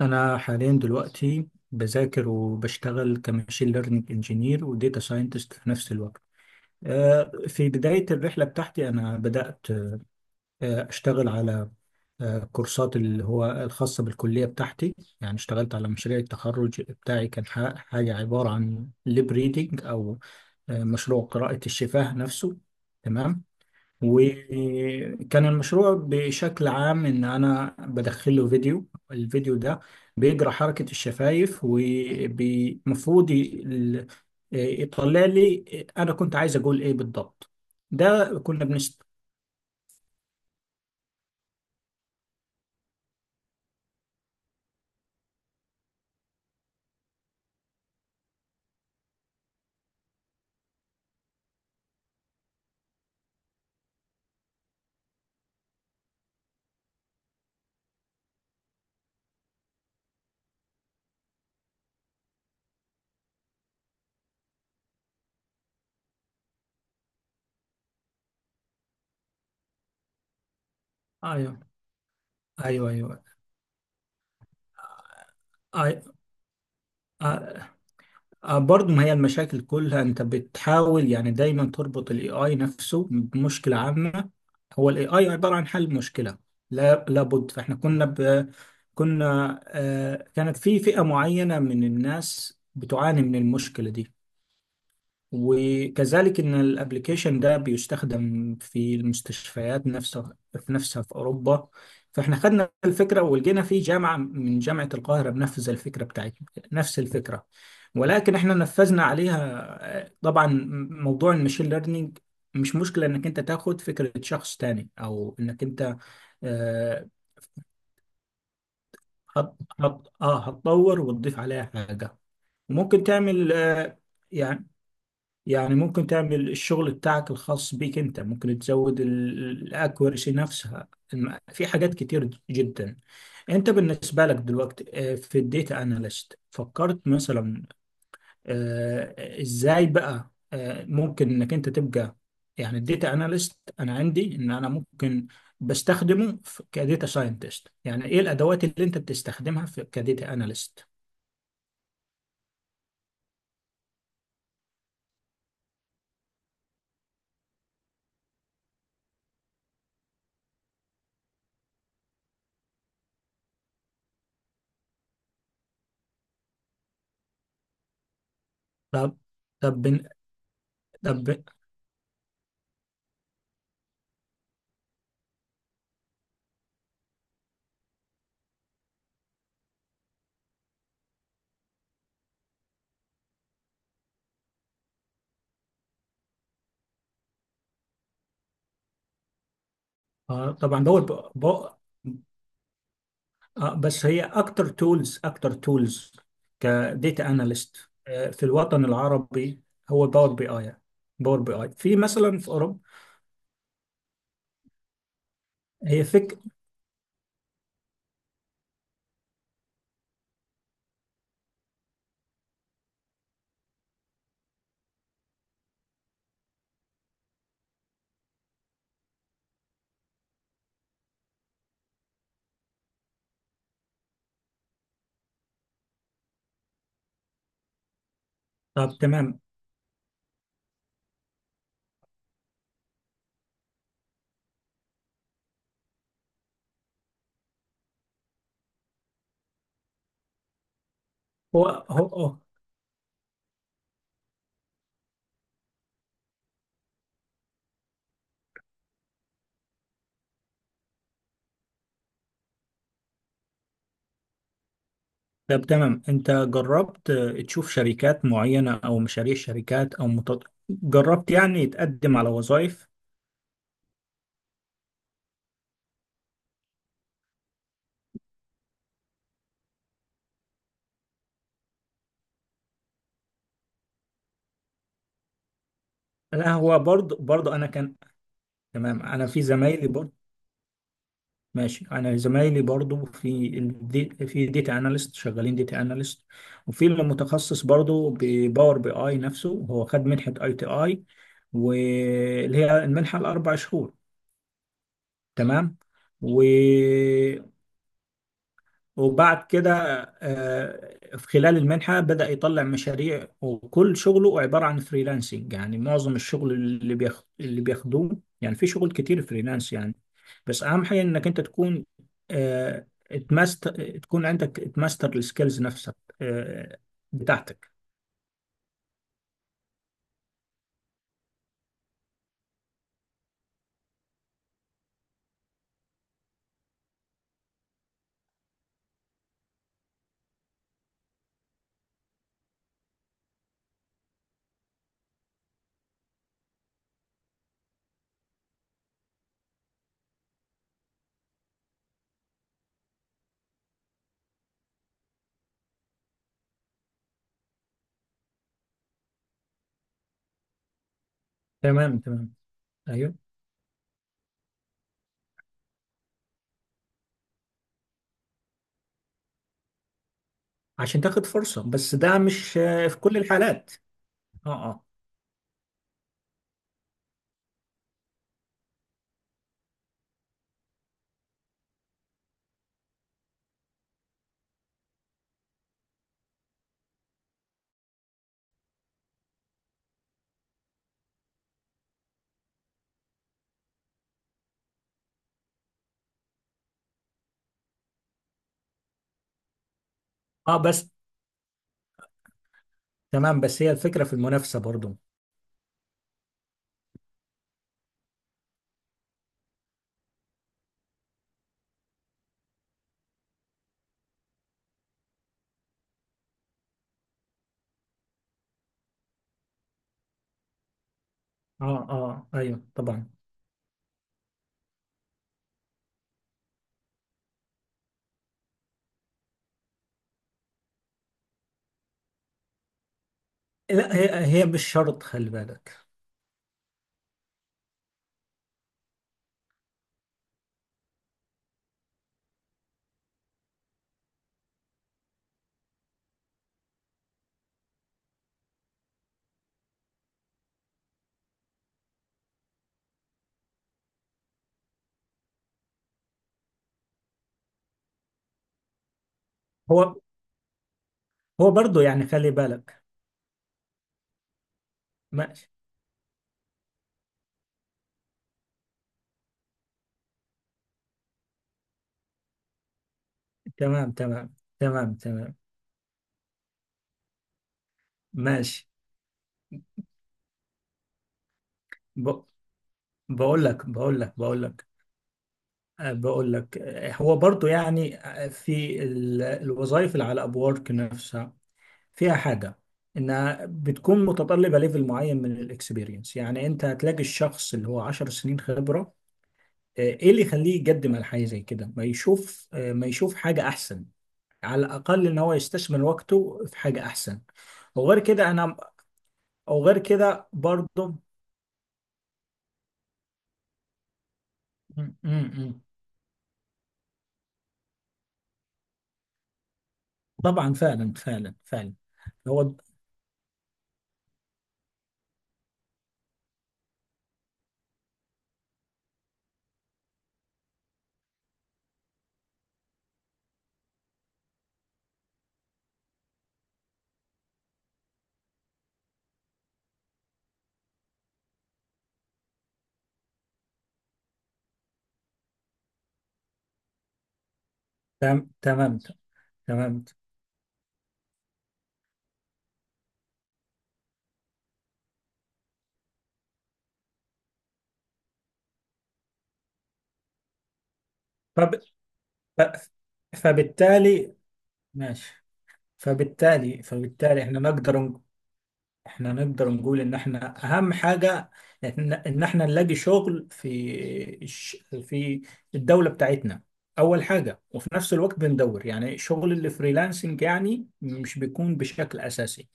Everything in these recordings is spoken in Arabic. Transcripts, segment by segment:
أنا حاليا دلوقتي بذاكر وبشتغل كماشين ليرنينج انجينير وديتا ساينتست في نفس الوقت. في بداية الرحلة بتاعتي أنا بدأت أشتغل على كورسات اللي هو الخاصة بالكلية بتاعتي. يعني اشتغلت على مشاريع التخرج بتاعي، كان حاجة عبارة عن ليب ريدنج أو مشروع قراءة الشفاه نفسه. تمام. وكان المشروع بشكل عام ان انا بدخله فيديو، الفيديو ده بيجرى حركة الشفايف ومفروض يطلع لي انا كنت عايز اقول ايه بالضبط. ده كنا بنست. ايوه ايوه ايوه. أي- آه، برضو ما هي المشاكل كلها، انت بتحاول يعني دايما تربط الاي اي نفسه بمشكله عامه. هو الاي اي عباره عن حل مشكله. لا لابد، فاحنا كنا ب... كنا آه كانت في فئه معينه من الناس بتعاني من المشكله دي، وكذلك ان الابليكيشن ده بيستخدم في المستشفيات نفسها في نفسها في اوروبا. فاحنا خدنا الفكره ولقينا في جامعه من جامعه القاهره بنفذ الفكره بتاعتنا نفس الفكره، ولكن احنا نفذنا عليها طبعا موضوع المشين ليرنينج. مش مشكله انك انت تاخد فكره شخص تاني او انك انت آه هتطور وتضيف عليها حاجه. وممكن تعمل يعني يعني ممكن تعمل الشغل بتاعك الخاص بيك، انت ممكن تزود الاكوريسي نفسها. في حاجات كتير جدا. انت بالنسبة لك دلوقتي في الديتا اناليست، فكرت مثلا ازاي بقى ممكن انك انت تبقى، يعني الديتا اناليست، انا عندي ان انا ممكن بستخدمه كديتا ساينتست. يعني ايه الادوات اللي انت بتستخدمها في كديتا اناليست؟ طب طب بن- طب طبعا دول. اه، بس هي اكتر تولز كديتا اناليست في الوطن العربي هو باور بي اي. باور بي اي، في مثلا، في اوروبا. هي فك طب تمام. هو. طب تمام، انت جربت تشوف شركات معينة او مشاريع شركات جربت يعني تقدم على وظائف؟ لا، هو برضه انا كان، تمام، انا في زمايلي. ماشي، انا زمايلي برضو في ديتا اناليست شغالين ديتا اناليست، وفي اللي متخصص برضو بباور بي اي نفسه، هو خد منحة اي تي اي، واللي هي المنحة الاربع شهور. تمام. و... وبعد كده في خلال المنحة بدأ يطلع مشاريع، وكل شغله عبارة عن فريلانسنج، يعني معظم الشغل اللي بياخد اللي بياخدوه، يعني في شغل كتير فريلانس يعني. بس أهم حاجة إنك أنت تكون آه، اتمست تكون عندك اتماستر السكيلز نفسك آه، بتاعتك. تمام، تمام، أيوه. عشان تاخد فرصة، بس ده مش في كل الحالات. اه، اه، اه، بس تمام، بس هي الفكرة في المنافسة برضو. اه، اه، ايوه طبعا. لا، هي هي مش شرط، خلي بالك. هو هو برضه يعني خلي بالك، ماشي. تمام تمام تمام تمام، ماشي. ب... بقول لك بقول لك بقول لك هو برضه يعني في الوظائف اللي على ابورك نفسها، فيها حاجة، انها بتكون متطلبة ليفل معين من الاكسبيرينس. يعني انت هتلاقي الشخص اللي هو 10 سنين خبرة، ايه اللي يخليه يقدم على حاجة زي كده؟ ما يشوف حاجة احسن، على الأقل إن هو يستثمر وقته في حاجة أحسن. وغير كده أنا، وغير كده برضه. م- م- م. طبعا فعلا فعلا فعلا. هو تمام تمام. فب... ف... فبالتالي ماشي، فبالتالي احنا نقدر نقول ان احنا اهم حاجة إن احنا نلاقي شغل في الش- في الدولة بتاعتنا اول حاجة، وفي نفس الوقت بندور يعني شغل الفريلانسنج، يعني مش بيكون بشكل اساسي.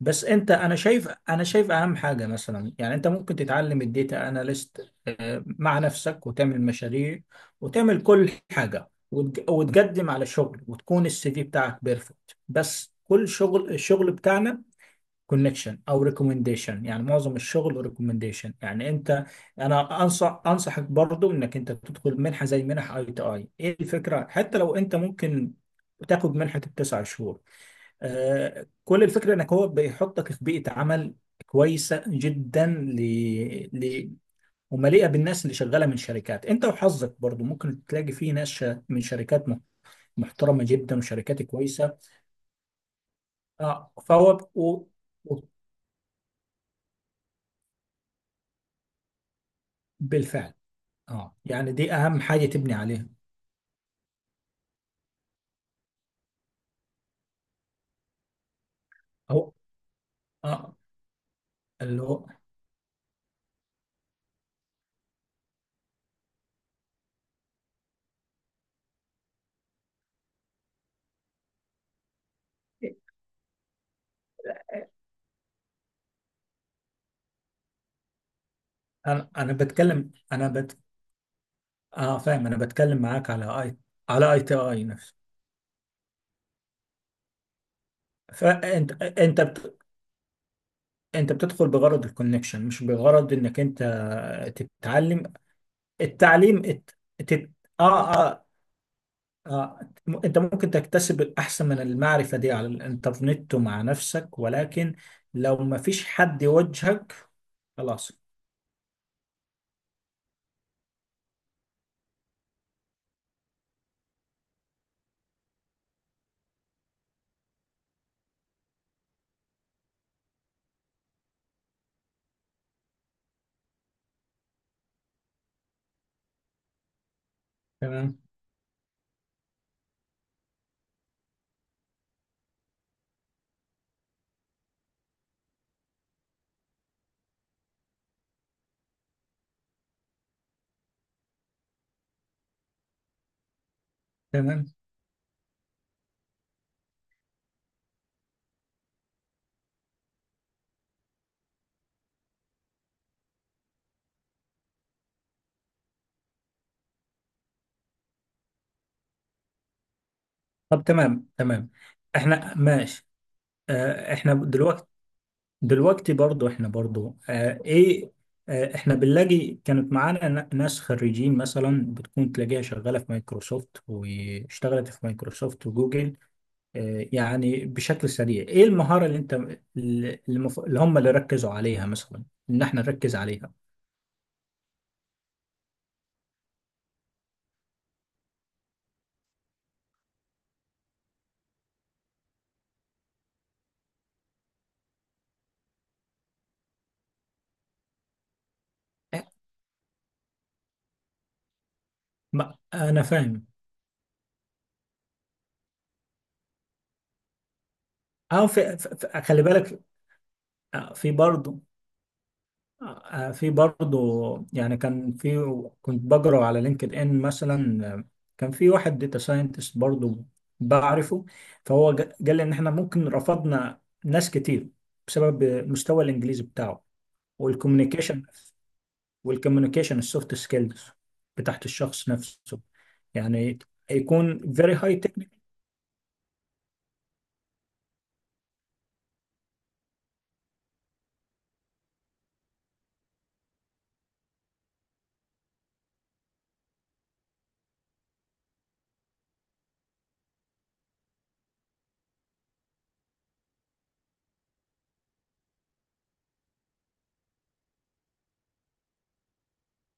بس انت، انا شايف اهم حاجة، مثلا، يعني انت ممكن تتعلم الديتا اناليست مع نفسك وتعمل مشاريع وتعمل كل حاجة، وتقدم على شغل وتكون السي في بتاعك بيرفكت. بس كل شغل، الشغل بتاعنا كونكشن او ريكومنديشن، يعني معظم الشغل ريكومنديشن. يعني انت، انا انصحك برضو انك انت تدخل منحه زي منح اي تي اي. ايه الفكره؟ حتى لو انت ممكن تاخد منحه التسع شهور. آه، كل الفكره انك هو بيحطك في بيئه عمل كويسه جدا ل... ومليئه بالناس اللي شغاله من شركات. انت وحظك برضو ممكن تلاقي فيه ناس من شركات محترمه جدا وشركات كويسه. فهو و- بالفعل. اه، يعني دي اهم حاجه تبني عليها. او، اه، اللي هو، انا بتكلم، انا بت اه، فاهم، انا بتكلم معاك على اي، على اي تي اي نفسه. فانت انت بت... انت بتدخل بغرض الكونكشن، مش بغرض انك انت تتعلم. التعليم تت... اه، اه، اه، انت ممكن تكتسب احسن من المعرفه دي على الانترنت ومع نفسك، ولكن لو ما فيش حد يوجهك خلاص. تمام تمام، طب تمام تمام. احنا ماشي، اه احنا دلوقتي، دلوقتي برضو، احنا برضو اه ايه، اه احنا بنلاقي كانت معانا ناس خريجين مثلا بتكون تلاقيها شغالة في مايكروسوفت، واشتغلت في مايكروسوفت وجوجل. اه، يعني بشكل سريع، ايه المهارة اللي انت، اللي اللي هم اللي ركزوا عليها، مثلا، ان احنا نركز عليها؟ ما انا فاهم. اه، خلي بالك، آه، في برضه في برضه، يعني كان في، كنت بقرا على لينكد ان مثلا كان في واحد داتا ساينتست برضه بعرفه. فهو قال لي ان احنا ممكن رفضنا ناس كتير بسبب مستوى الانجليزي بتاعه والكوميونيكيشن والكوميونيكيشن السوفت سكيلز بتاعت الشخص نفسه. يعني يكون very high technical